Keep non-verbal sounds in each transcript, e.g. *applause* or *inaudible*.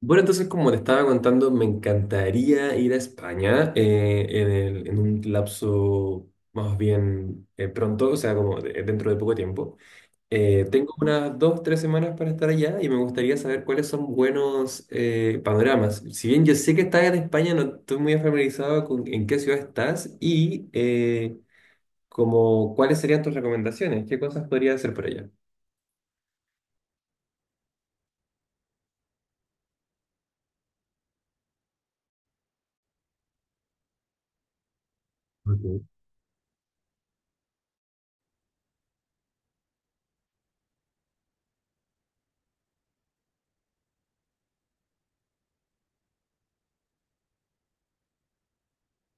Bueno, entonces, como te estaba contando, me encantaría ir a España en en un lapso más bien pronto, o sea, como dentro de poco tiempo. Tengo unas dos, tres semanas para estar allá y me gustaría saber cuáles son buenos panoramas. Si bien yo sé que estás en España, no estoy muy familiarizado con en qué ciudad estás y como cuáles serían tus recomendaciones, qué cosas podría hacer por allá. Ok.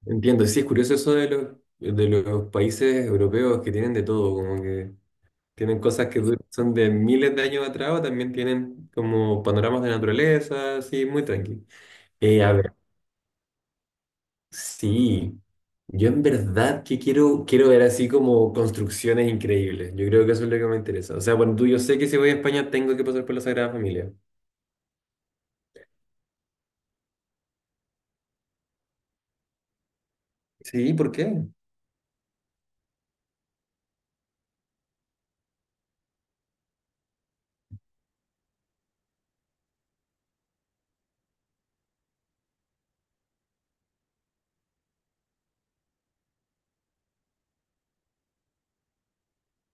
Entiendo, sí, es curioso eso de de los países europeos que tienen de todo, como que tienen cosas que son de miles de años atrás, o también tienen como panoramas de naturaleza, así, muy tranqui. A ver, sí, yo en verdad que quiero ver así como construcciones increíbles, yo creo que eso es lo que me interesa. O sea, bueno, tú, yo sé que si voy a España tengo que pasar por la Sagrada Familia. Sí, ¿por qué?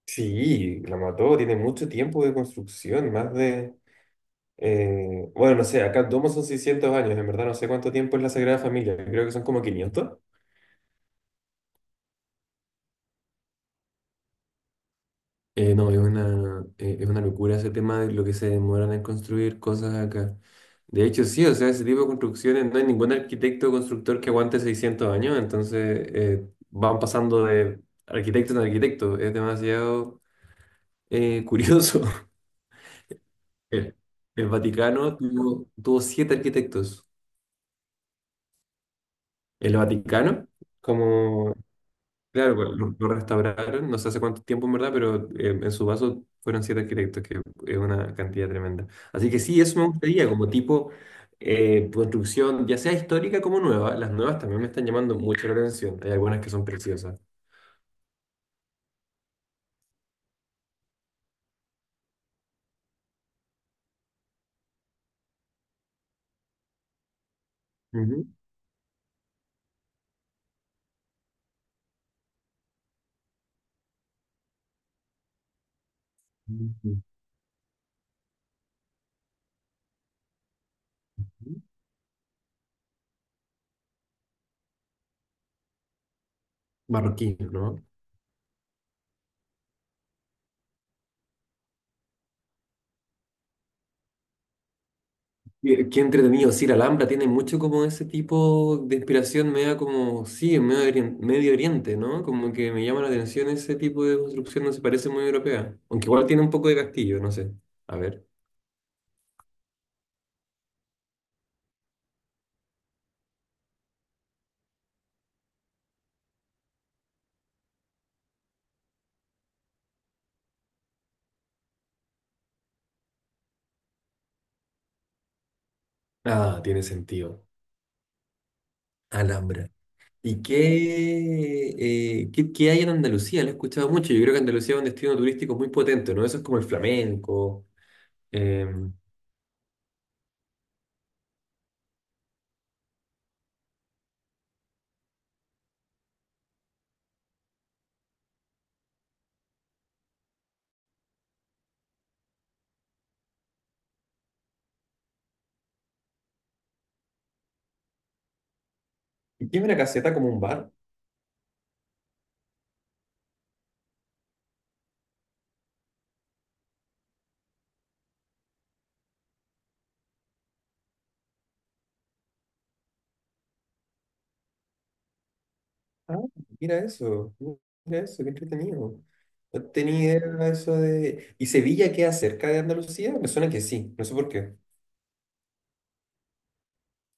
Sí, la mató, tiene mucho tiempo de construcción, más de... Bueno, no sé, acá en Domo son 600 años, en verdad no sé cuánto tiempo es la Sagrada Familia, creo que son como 500. No, es una locura ese tema de lo que se demoran en construir cosas acá. De hecho, sí, o sea, ese tipo de construcciones, no hay ningún arquitecto o constructor que aguante 600 años, entonces van pasando de arquitecto en arquitecto, es demasiado curioso. *laughs* El, el Vaticano tuvo siete arquitectos. El Vaticano, como claro, pues, lo restauraron, no sé hace cuánto tiempo en verdad, pero en su vaso fueron siete arquitectos, que es una cantidad tremenda. Así que sí, eso me gustaría, como tipo construcción, ya sea histórica como nueva. Las nuevas también me están llamando mucho la atención. Hay algunas que son preciosas. Ujú. Ujú. Marroquí, ¿no? Qué, qué entretenido, sí, la Alhambra tiene mucho como ese tipo de inspiración media como, sí, en medio, Medio Oriente, ¿no? Como que me llama la atención ese tipo de construcción, no se parece muy europea. Aunque igual tiene un poco de castillo, no sé. A ver. Ah, tiene sentido. Alhambra. ¿Y qué, qué, qué hay en Andalucía? Lo he escuchado mucho. Yo creo que Andalucía es un destino turístico muy potente, ¿no? Eso es como el flamenco. Eh, ¿Y qué es una caseta como un bar? Ah, mira eso, mira eso, qué entretenido. No tenía idea de eso de... ¿Y Sevilla queda cerca de Andalucía? Me suena que sí, no sé por qué.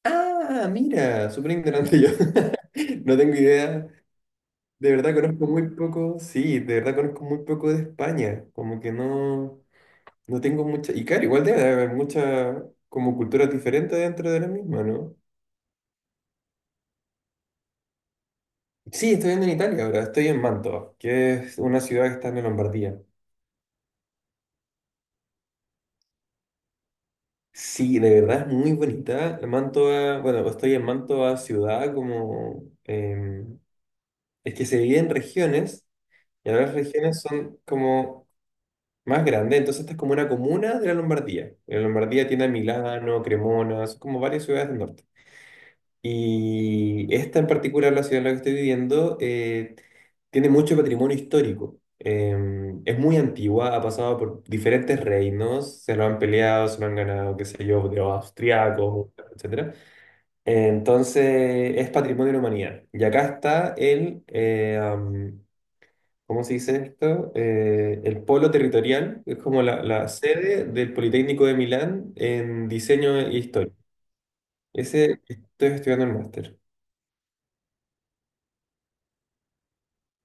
Ah, mira, súper ignorante yo. *laughs* No tengo idea. De verdad conozco muy poco, sí, de verdad conozco muy poco de España. Como que no, no tengo mucha... Y claro, igual debe haber mucha como culturas diferentes dentro de la misma, ¿no? Sí, estoy viendo en Italia ahora, estoy en Mantova, que es una ciudad que está en la Lombardía. Sí, de verdad es muy bonita. Mantova, bueno, estoy en Mantova ciudad, como es que se divide en regiones, y ahora las regiones son como más grandes, entonces esta es como una comuna de la Lombardía. La Lombardía tiene a Milano, Cremona, son como varias ciudades del norte. Y esta en particular, la ciudad en la que estoy viviendo, tiene mucho patrimonio histórico. Es muy antigua, ha pasado por diferentes reinos, se lo han peleado, se lo han ganado, qué sé yo, de los austriacos, etcétera. Entonces, es patrimonio de la humanidad. Y acá está el, ¿cómo se dice esto? El polo territorial, es como la sede del Politécnico de Milán en diseño e historia. Ese estoy estudiando el máster.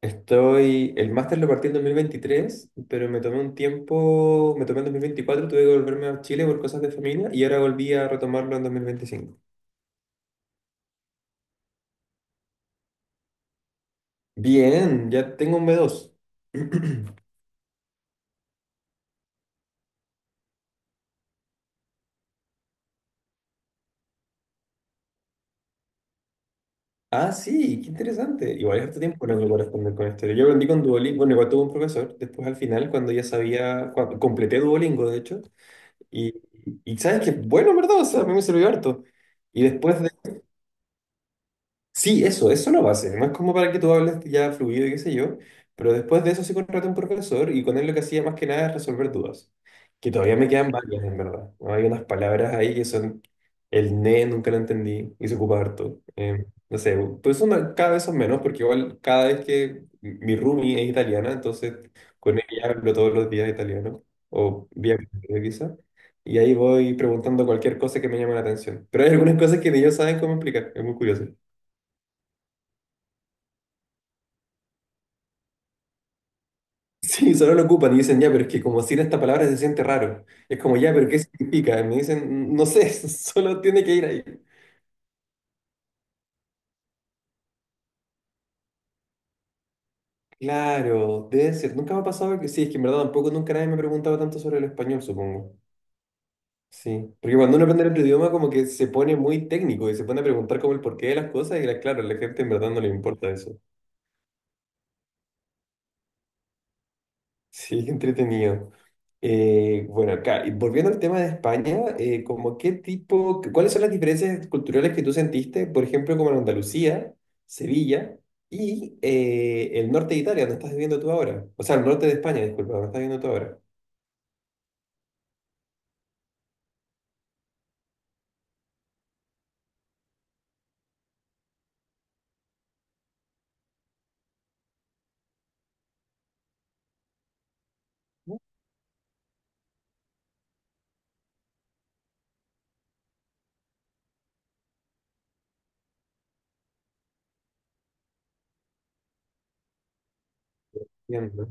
Estoy, el máster lo partí en 2023 pero me tomé un tiempo, me tomé en 2024 tuve que volverme a Chile por cosas de familia y ahora volví a retomarlo en 2025. Bien, ya tengo un B2. *clears throat* Ah, sí, qué interesante. Igual es harto tiempo lo que puedo responder con esto. Yo aprendí con Duolingo, bueno, igual tuve un profesor, después al final, cuando ya sabía, cuando completé Duolingo, de hecho, y, y sabes que, bueno, en ¿verdad? O sea, a mí me sirvió harto. Y después sí, eso lo va a base, más como para que tú hables ya fluido y qué sé yo, pero después de eso sí contraté a un profesor y con él lo que hacía más que nada es resolver dudas, que todavía me quedan varias en verdad. Hay unas palabras ahí que son el ne, nunca lo entendí y se ocupa harto. No sé, pues son cada vez son menos porque igual cada vez que mi roomie es italiana, entonces con ella hablo todos los días italiano o vía video quizá. Y ahí voy preguntando cualquier cosa que me llame la atención. Pero hay algunas cosas que ni ellos saben cómo explicar. Es muy curioso. Sí, solo lo ocupan y dicen, ya, pero es que como sin esta palabra se siente raro. Es como, ya, pero ¿qué significa? Y me dicen, no sé, *laughs* solo tiene que ir ahí. Claro, debe ser. Nunca me ha pasado que sí, es que en verdad tampoco nunca nadie me ha preguntado tanto sobre el español, supongo. Sí, porque cuando uno aprende otro idioma como que se pone muy técnico y se pone a preguntar como el porqué de las cosas y claro, a la gente en verdad no le importa eso. Sí, *laughs* qué entretenido. Bueno, acá, y volviendo al tema de España, como qué tipo, ¿cuáles son las diferencias culturales que tú sentiste, por ejemplo, como en Andalucía, Sevilla y el norte de Italia, donde estás viviendo tú ahora? O sea, el norte de España, disculpa, donde estás viviendo tú ahora. Entiendo,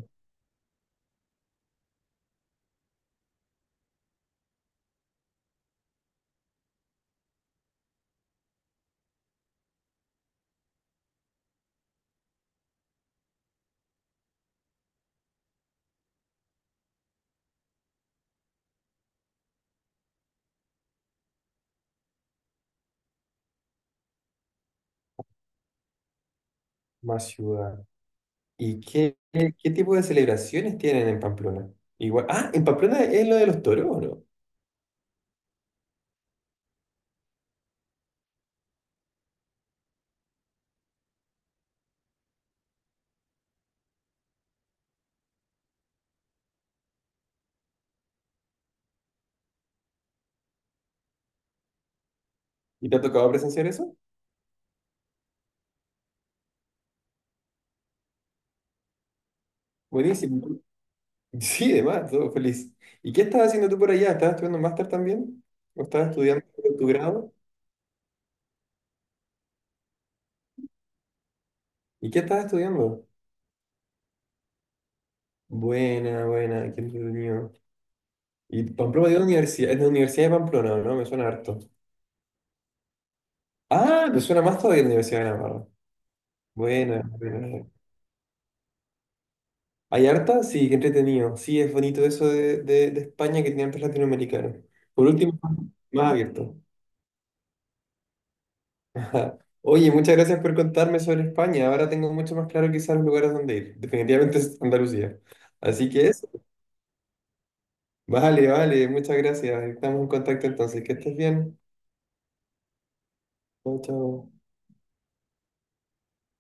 más ciudad. ¿Y qué, qué, qué tipo de celebraciones tienen en Pamplona? Igual, ah, ¿en Pamplona es lo de los toros o no? ¿Y te ha tocado presenciar eso? Buenísimo. Sí, además, todo feliz. ¿Y qué estabas haciendo tú por allá? ¿Estabas estudiando un máster también? ¿O estabas estudiando tu grado? ¿Y qué estabas estudiando? Buena, buena, qué entretenido. Y Pamplona dio la universidad, es de la Universidad de Pamplona, ¿no? Me suena harto. Ah, me suena más todavía la Universidad de Navarra. Buena, buena. ¿Hay harta? Sí, qué entretenido. Sí, es bonito eso de España que tiene antes latinoamericanos. Por último, más abierto. *laughs* Ajá. Oye, muchas gracias por contarme sobre España. Ahora tengo mucho más claro quizás los lugares donde ir. Definitivamente es Andalucía. Así que eso. Vale, vale, muchas gracias. Estamos en contacto entonces. Que estés bien. Chao, chao.